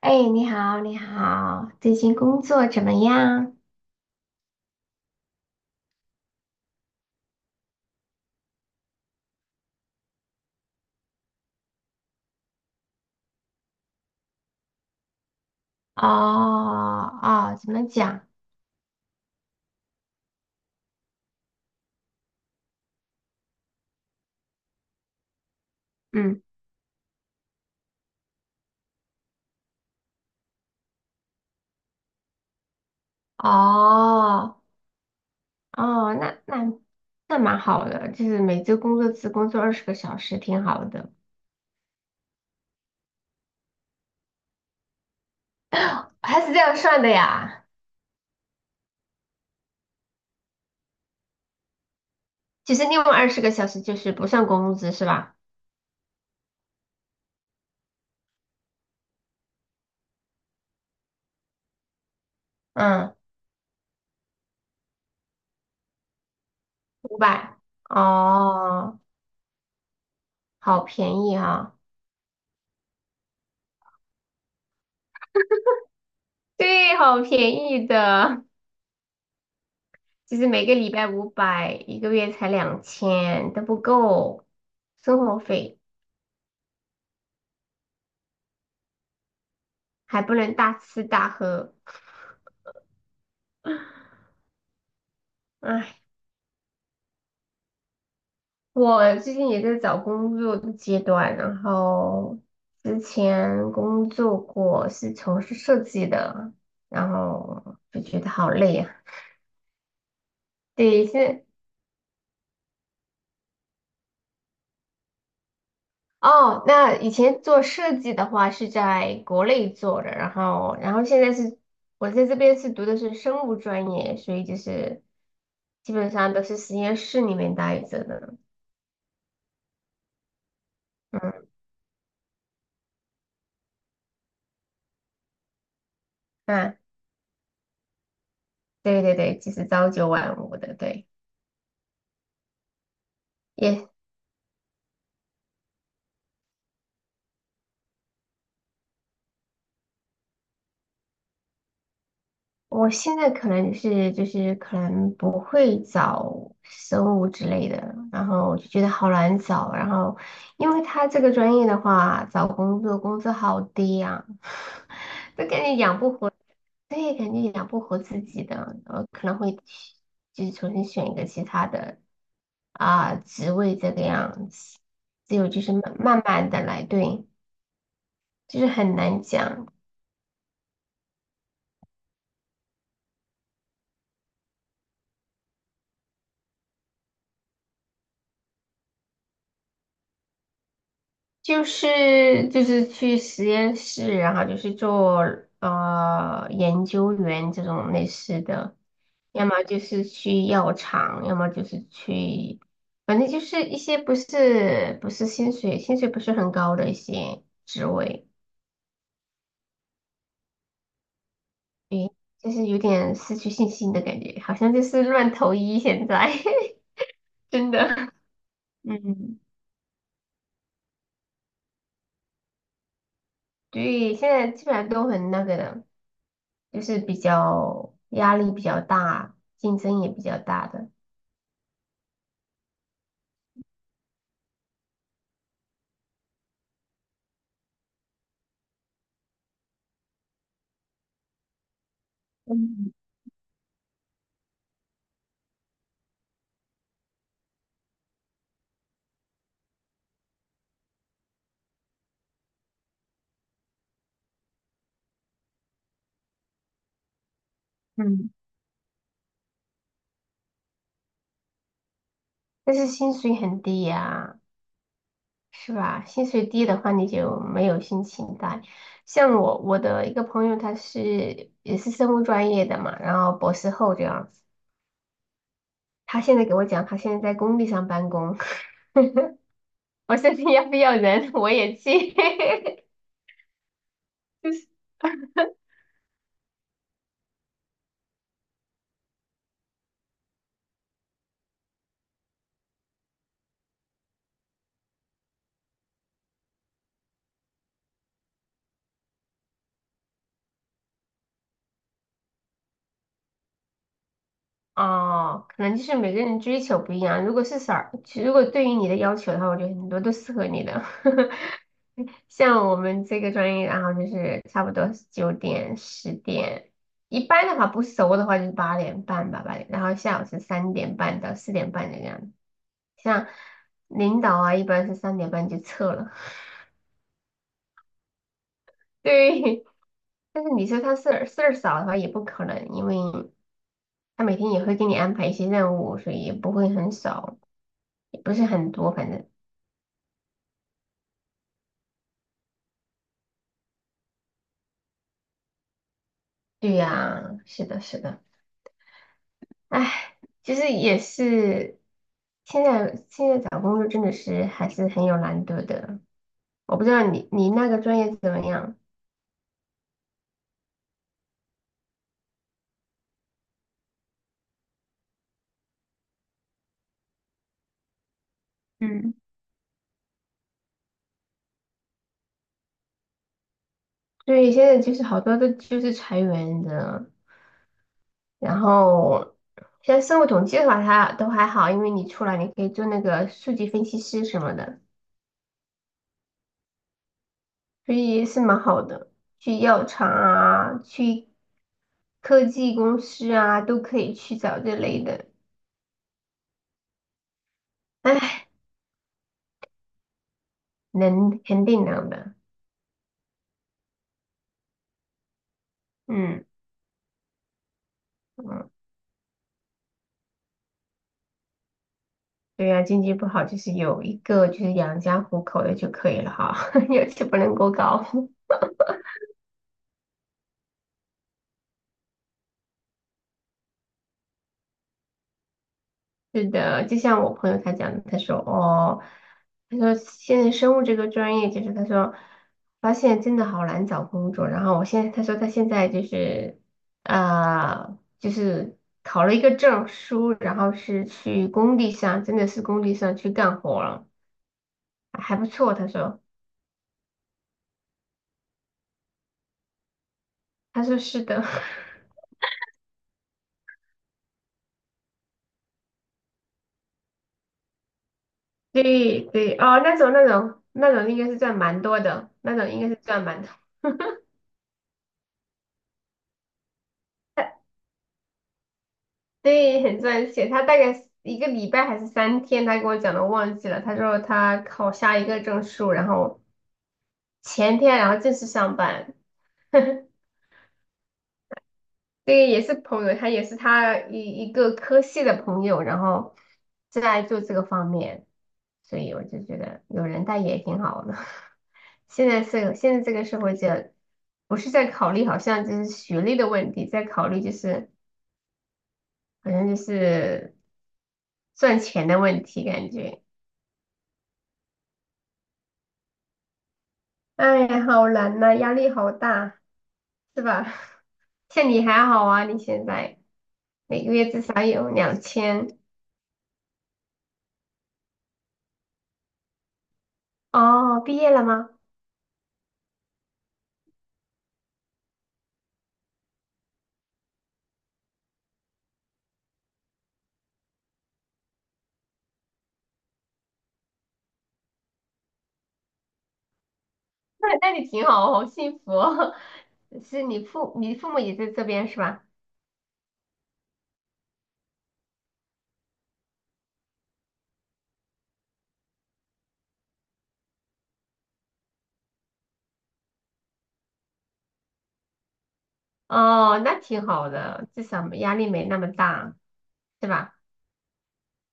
哎，你好，你好，最近工作怎么样？哦哦，怎么讲？嗯，哦哦，那蛮好的，就是每周工作只工作二十个小时，挺好的。还是这样算的呀？就是另外二十个小时就是不算工资是吧？嗯，五百。哦，好便宜哈、对，好便宜的。就是每个礼拜五百，一个月才两千，都不够生活费，还不能大吃大喝。唉，我最近也在找工作的阶段，然后之前工作过是从事设计的，然后就觉得好累啊。对，哦，那以前做设计的话是在国内做的，然后现在是我在这边是读的是生物专业，所以就是基本上都是实验室里面待着的。嗯，那对对对，就是朝九晚五的，对，也我现在可能是就是可能不会找生物之类的，然后我就觉得好难找，然后因为他这个专业的话，找工作工资好低呀、都感觉养不活。对，肯定养不活自己的，可能会去就是重新选一个其他的啊、职位这个样子。只有就是慢慢的来，对，就是很难讲，就是去实验室，然后就是做研究员这种类似的，要么就是去药厂，要么就是去，反正就是一些不是不是薪水，薪水不是很高的一些职位。诶，就是有点失去信心的感觉，好像就是乱投医现在，真的。嗯，对，现在基本上都很那个的，就是比较压力比较大，竞争也比较大的，嗯嗯，但是薪水很低呀、是吧？薪水低的话，你就没有心情带。像我的一个朋友，也是生物专业的嘛，然后博士后这样子，他现在给我讲，他现在在工地上办公，我相信要不要人我也去，就是哦，可能就是每个人追求不一样。如果是少，如果对于你的要求的话，我觉得很多都适合你的。像我们这个专业，然后就是差不多9点、10点，一般的话不熟的话就是8点半吧，八点，然后下午是三点半到4点半的样子。像领导啊，一般是三点半就撤了。对，但是你说他事儿少的话也不可能，因为他每天也会给你安排一些任务，所以也不会很少，也不是很多，反正对呀，是的，是的，唉，其实也是，现在找工作真的是还是很有难度的，我不知道你那个专业怎么样？嗯，对，现在就是好多都就是裁员的，然后像生物统计的话，它都还好，因为你出来你可以做那个数据分析师什么的，所以是蛮好的。去药厂啊，去科技公司啊，都可以去找这类的。唉，能肯定能的。嗯嗯，对呀、经济不好就是有一个就是养家糊口的就可以了哈，要求不能过高。是的，就像我朋友他讲的，他说哦，他说现在生物这个专业，就是他说发现真的好难找工作。然后我现在他说他现在就是考了一个证书，然后是去工地上，真的是工地上去干活了，还不错。他说，他说是的，对对，哦，那种应该是赚蛮多的，那种应该是赚蛮多。对，很赚钱。他大概一个礼拜还是3天，他跟我讲的忘记了。他说他考下一个证书，然后前天然后正式上班。这个也是朋友，他也是他一个科系的朋友，然后正在做这个方面，所以我就觉得有人带也挺好的。现在这个社会就不是在考虑好像就是学历的问题，在考虑就是好像就是赚钱的问题，感觉。哎，好难呐、压力好大，是吧？像你还好啊，你现在每个月至少有两千。哦，毕业了吗？那你挺好，好幸福哦 是你父母也在这边是吧？哦，那挺好的，至少没压力没那么大，是吧？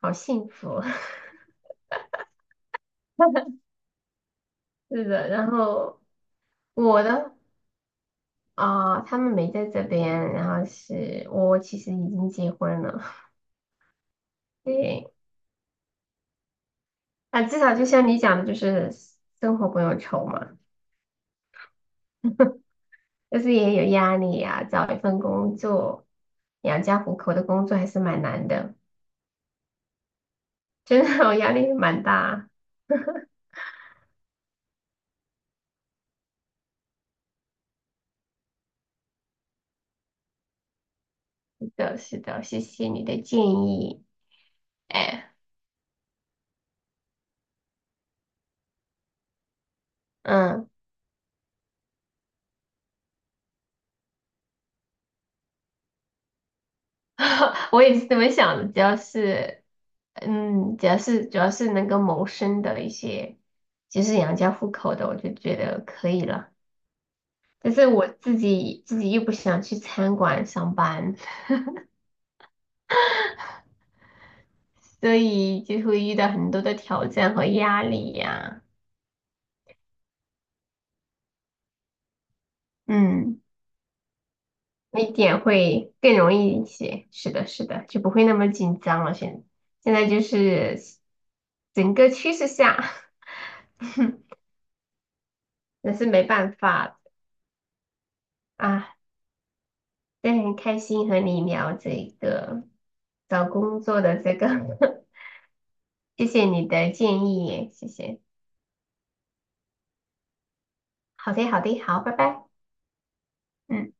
好幸福。是的，然后我的啊、他们没在这边，然后是我其实已经结婚了，对。啊，至少就像你讲的，就是生活不用愁嘛，但是也有压力呀、找一份工作养家糊口的工作还是蛮难的，真的，我压力蛮大。是的，是的，谢谢你的建议。哎，嗯，我也是这么想的，只要是主要是能够谋生的一些，就是养家糊口的，我就觉得可以了。但是我自己又不想去餐馆上班。所以就会遇到很多的挑战和压力呀、嗯，那点会更容易一些。是的，是的，就不会那么紧张了。现在就是整个趋势下，那是没办法的啊。但很开心和你聊这个找工作的这个，谢谢你的建议，谢谢。好的，好的，好，拜拜。嗯。